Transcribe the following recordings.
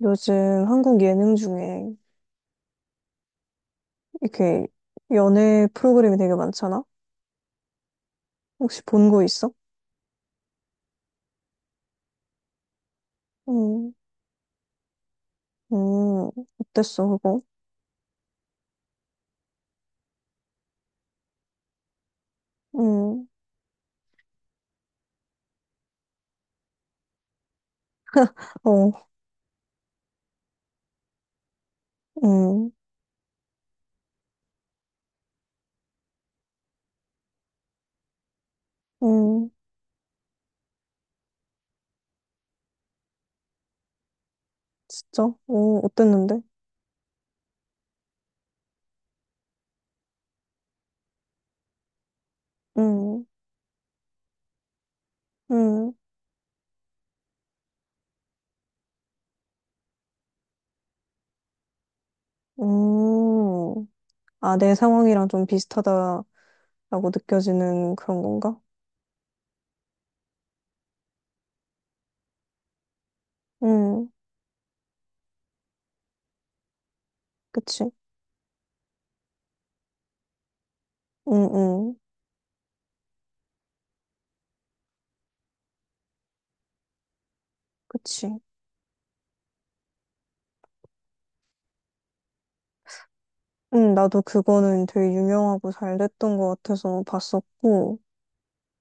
요즘 한국 예능 중에 이렇게 연애 프로그램이 되게 많잖아? 혹시 본 거 있어? 응, 응, 어땠어, 그거? 응, 어, 응, 응, 진짜? 어, 어땠는데? 응, 응, 응. 아, 내 상황이랑 좀 비슷하다라고 느껴지는 그런 건가? 응, 그치? 응, 응, 그치? 응, 나도 그거는 되게 유명하고 잘 됐던 것 같아서 봤었고,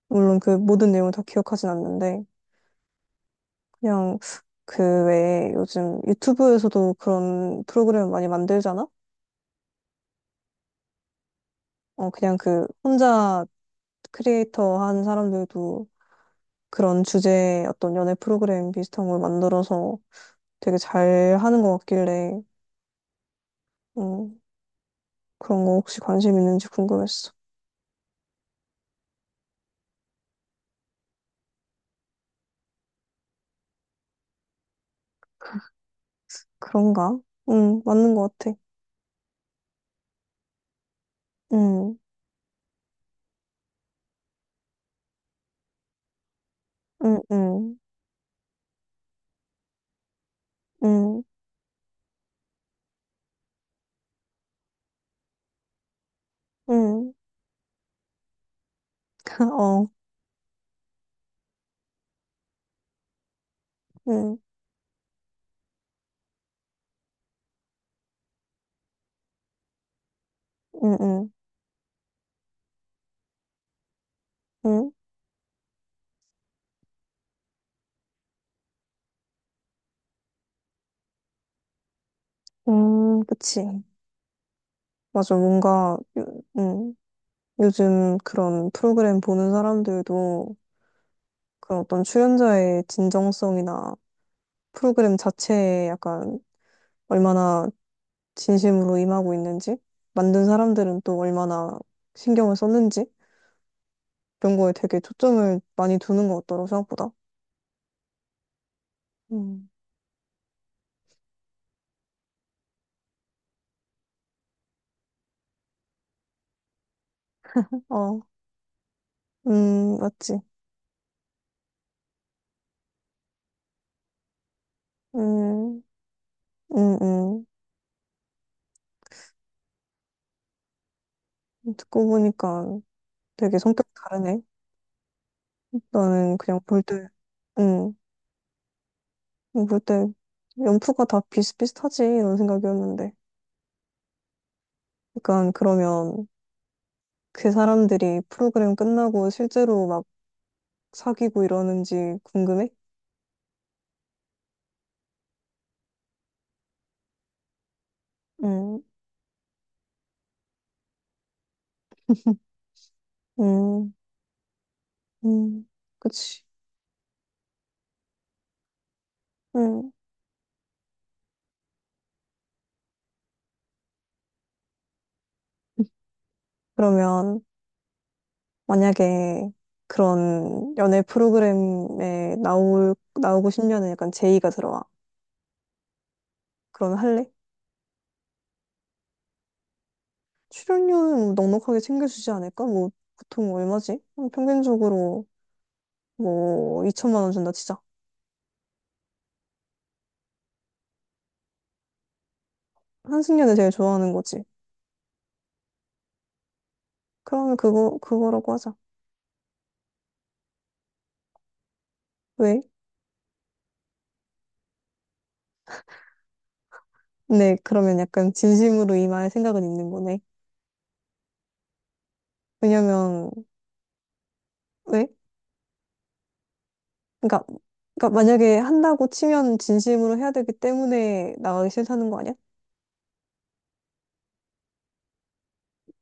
물론 그 모든 내용을 다 기억하진 않는데, 그냥 그 외에 요즘 유튜브에서도 그런 프로그램 많이 만들잖아? 어, 그냥 그 혼자 크리에이터 한 사람들도 그런 주제의 어떤 연애 프로그램 비슷한 걸 만들어서 되게 잘 하는 것 같길래, 음, 그런 거 혹시 관심 있는지 궁금했어. 그런가? 응, 맞는 것 같아. 응, 응, 응, 응, 응, 어, 응, 응, 응, 응, 그치. 맞아, 뭔가, 요, 요즘 그런 프로그램 보는 사람들도 그런 어떤 출연자의 진정성이나 프로그램 자체에 약간 얼마나 진심으로 임하고 있는지, 만든 사람들은 또 얼마나 신경을 썼는지, 이런 거에 되게 초점을 많이 두는 것 같더라고, 생각보다. 음. 어, 맞지. 음, 음, 음. 듣고 보니까 되게 성격 다르네. 나는 그냥 볼 때, 뭐 그때 연프가 다 비슷비슷하지 이런 생각이었는데. 약간 그러면 그 사람들이 프로그램 끝나고 실제로 막 사귀고 이러는지 궁금해? 음, 음, 음, 그치. 음. 그러면 만약에 그런 연애 프로그램에 나올, 나오고 싶냐는 약간 제의가 들어와. 그럼 할래? 출연료는 뭐 넉넉하게 챙겨주지 않을까? 뭐 보통 얼마지? 평균적으로 뭐 2천만 원 준다 치자. 한승연을 제일 좋아하는 거지. 그러면 그거, 그거라고 하자. 왜? 네, 그러면 약간 진심으로 임할 생각은 있는 거네. 왜냐면, 왜? 그러니까, 그러니까 만약에 한다고 치면 진심으로 해야 되기 때문에 나가기 싫다는 거 아니야?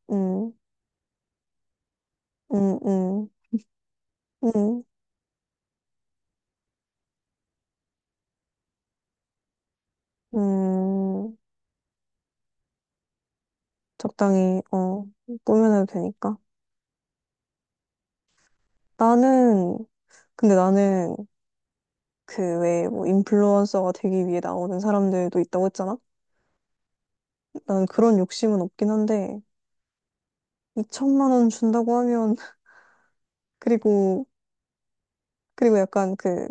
음, 음, 음, 음, 음, 적당히, 어, 꾸며내도 되니까. 나는, 근데 나는 그 왜 뭐 인플루언서가 되기 위해 나오는 사람들도 있다고 했잖아? 나는 그런 욕심은 없긴 한데, 2천만 원 준다고 하면 그리고 그리고 약간 그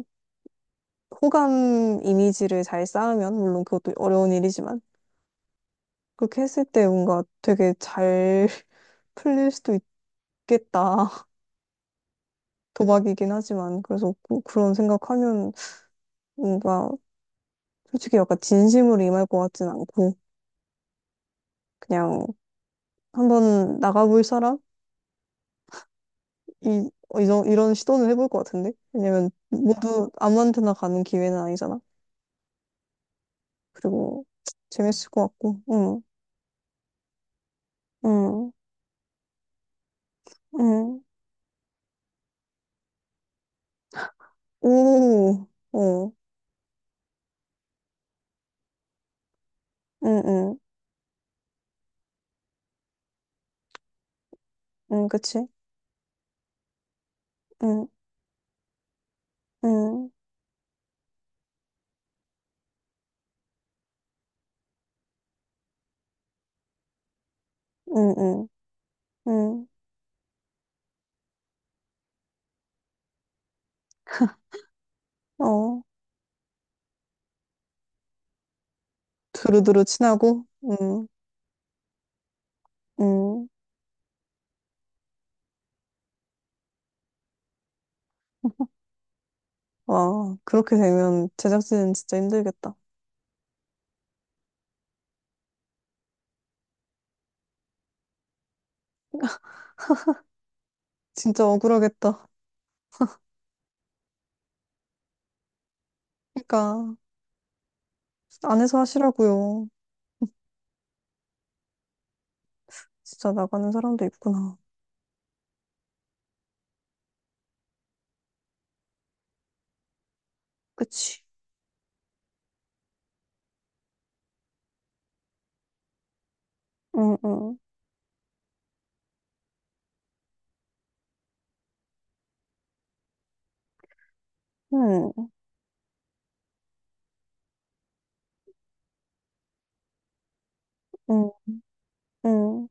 호감 이미지를 잘 쌓으면 물론 그것도 어려운 일이지만 그렇게 했을 때 뭔가 되게 잘 풀릴 수도 있겠다. 도박이긴 하지만 그래서 그런 생각하면 뭔가 솔직히 약간 진심으로 임할 것 같진 않고 그냥 한번 나가볼 사람? 이런 시도는 해볼 것 같은데 왜냐면 모두 아무한테나 가는 기회는 아니잖아. 그리고 재밌을 것 같고, 응. 응, 응, 오, 응, 응, 응, 응, 그치? 응, 응, 응, 응, 응, 어, 두루두루 친하고, 응, 응, 와, 그렇게 되면 제작진 진짜 힘들겠다. 진짜 억울하겠다. 그러니까, 안에서 하시라고요. 진짜 나가는 사람도 있구나. 그치? 응, 응, 응, 응, 응.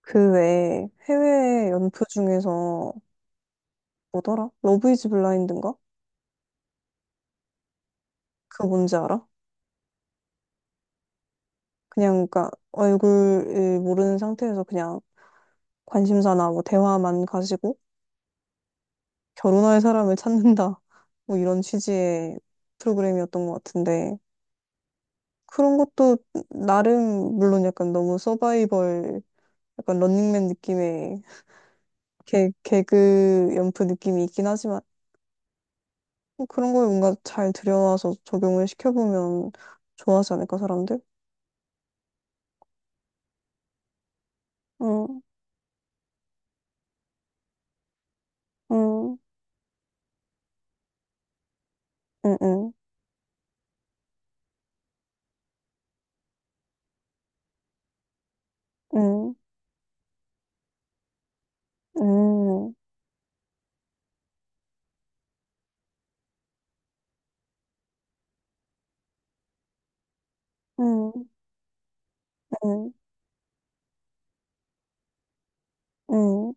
그 외에 해외 연표 중에서 뭐더라? 러브 이즈 블라인드인가? 그거 뭔지 알아? 그냥 그니까 얼굴을 모르는 상태에서 그냥 관심사나 뭐 대화만 가지고 결혼할 사람을 찾는다 뭐 이런 취지의 프로그램이었던 것 같은데 그런 것도 나름 물론 약간 너무 서바이벌 약간 런닝맨 느낌의 개그 연프 느낌이 있긴 하지만 뭐 그런 걸 뭔가 잘 들여와서 적용을 시켜보면 좋아하지 않을까 사람들? 응, 응, 응, 응, 응, 응, 응, 응, 응.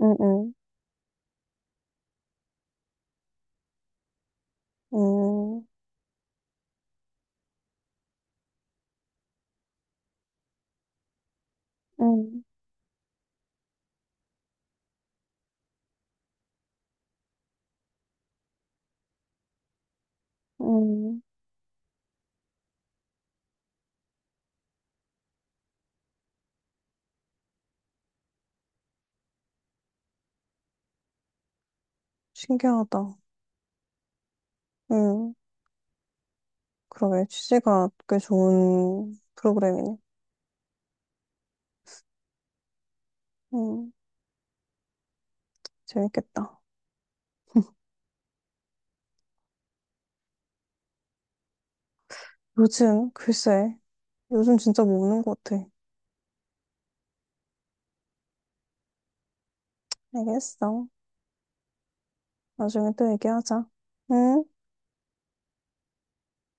응, 응, 응, 응. 응 신기하다. 응. 그러게, 취지가 꽤 좋은 프로그램이네. 응, 재밌겠다. 요즘, 글쎄, 요즘 진짜 모르는 것 같아. 알겠어. 나중에 또 얘기하자. 응?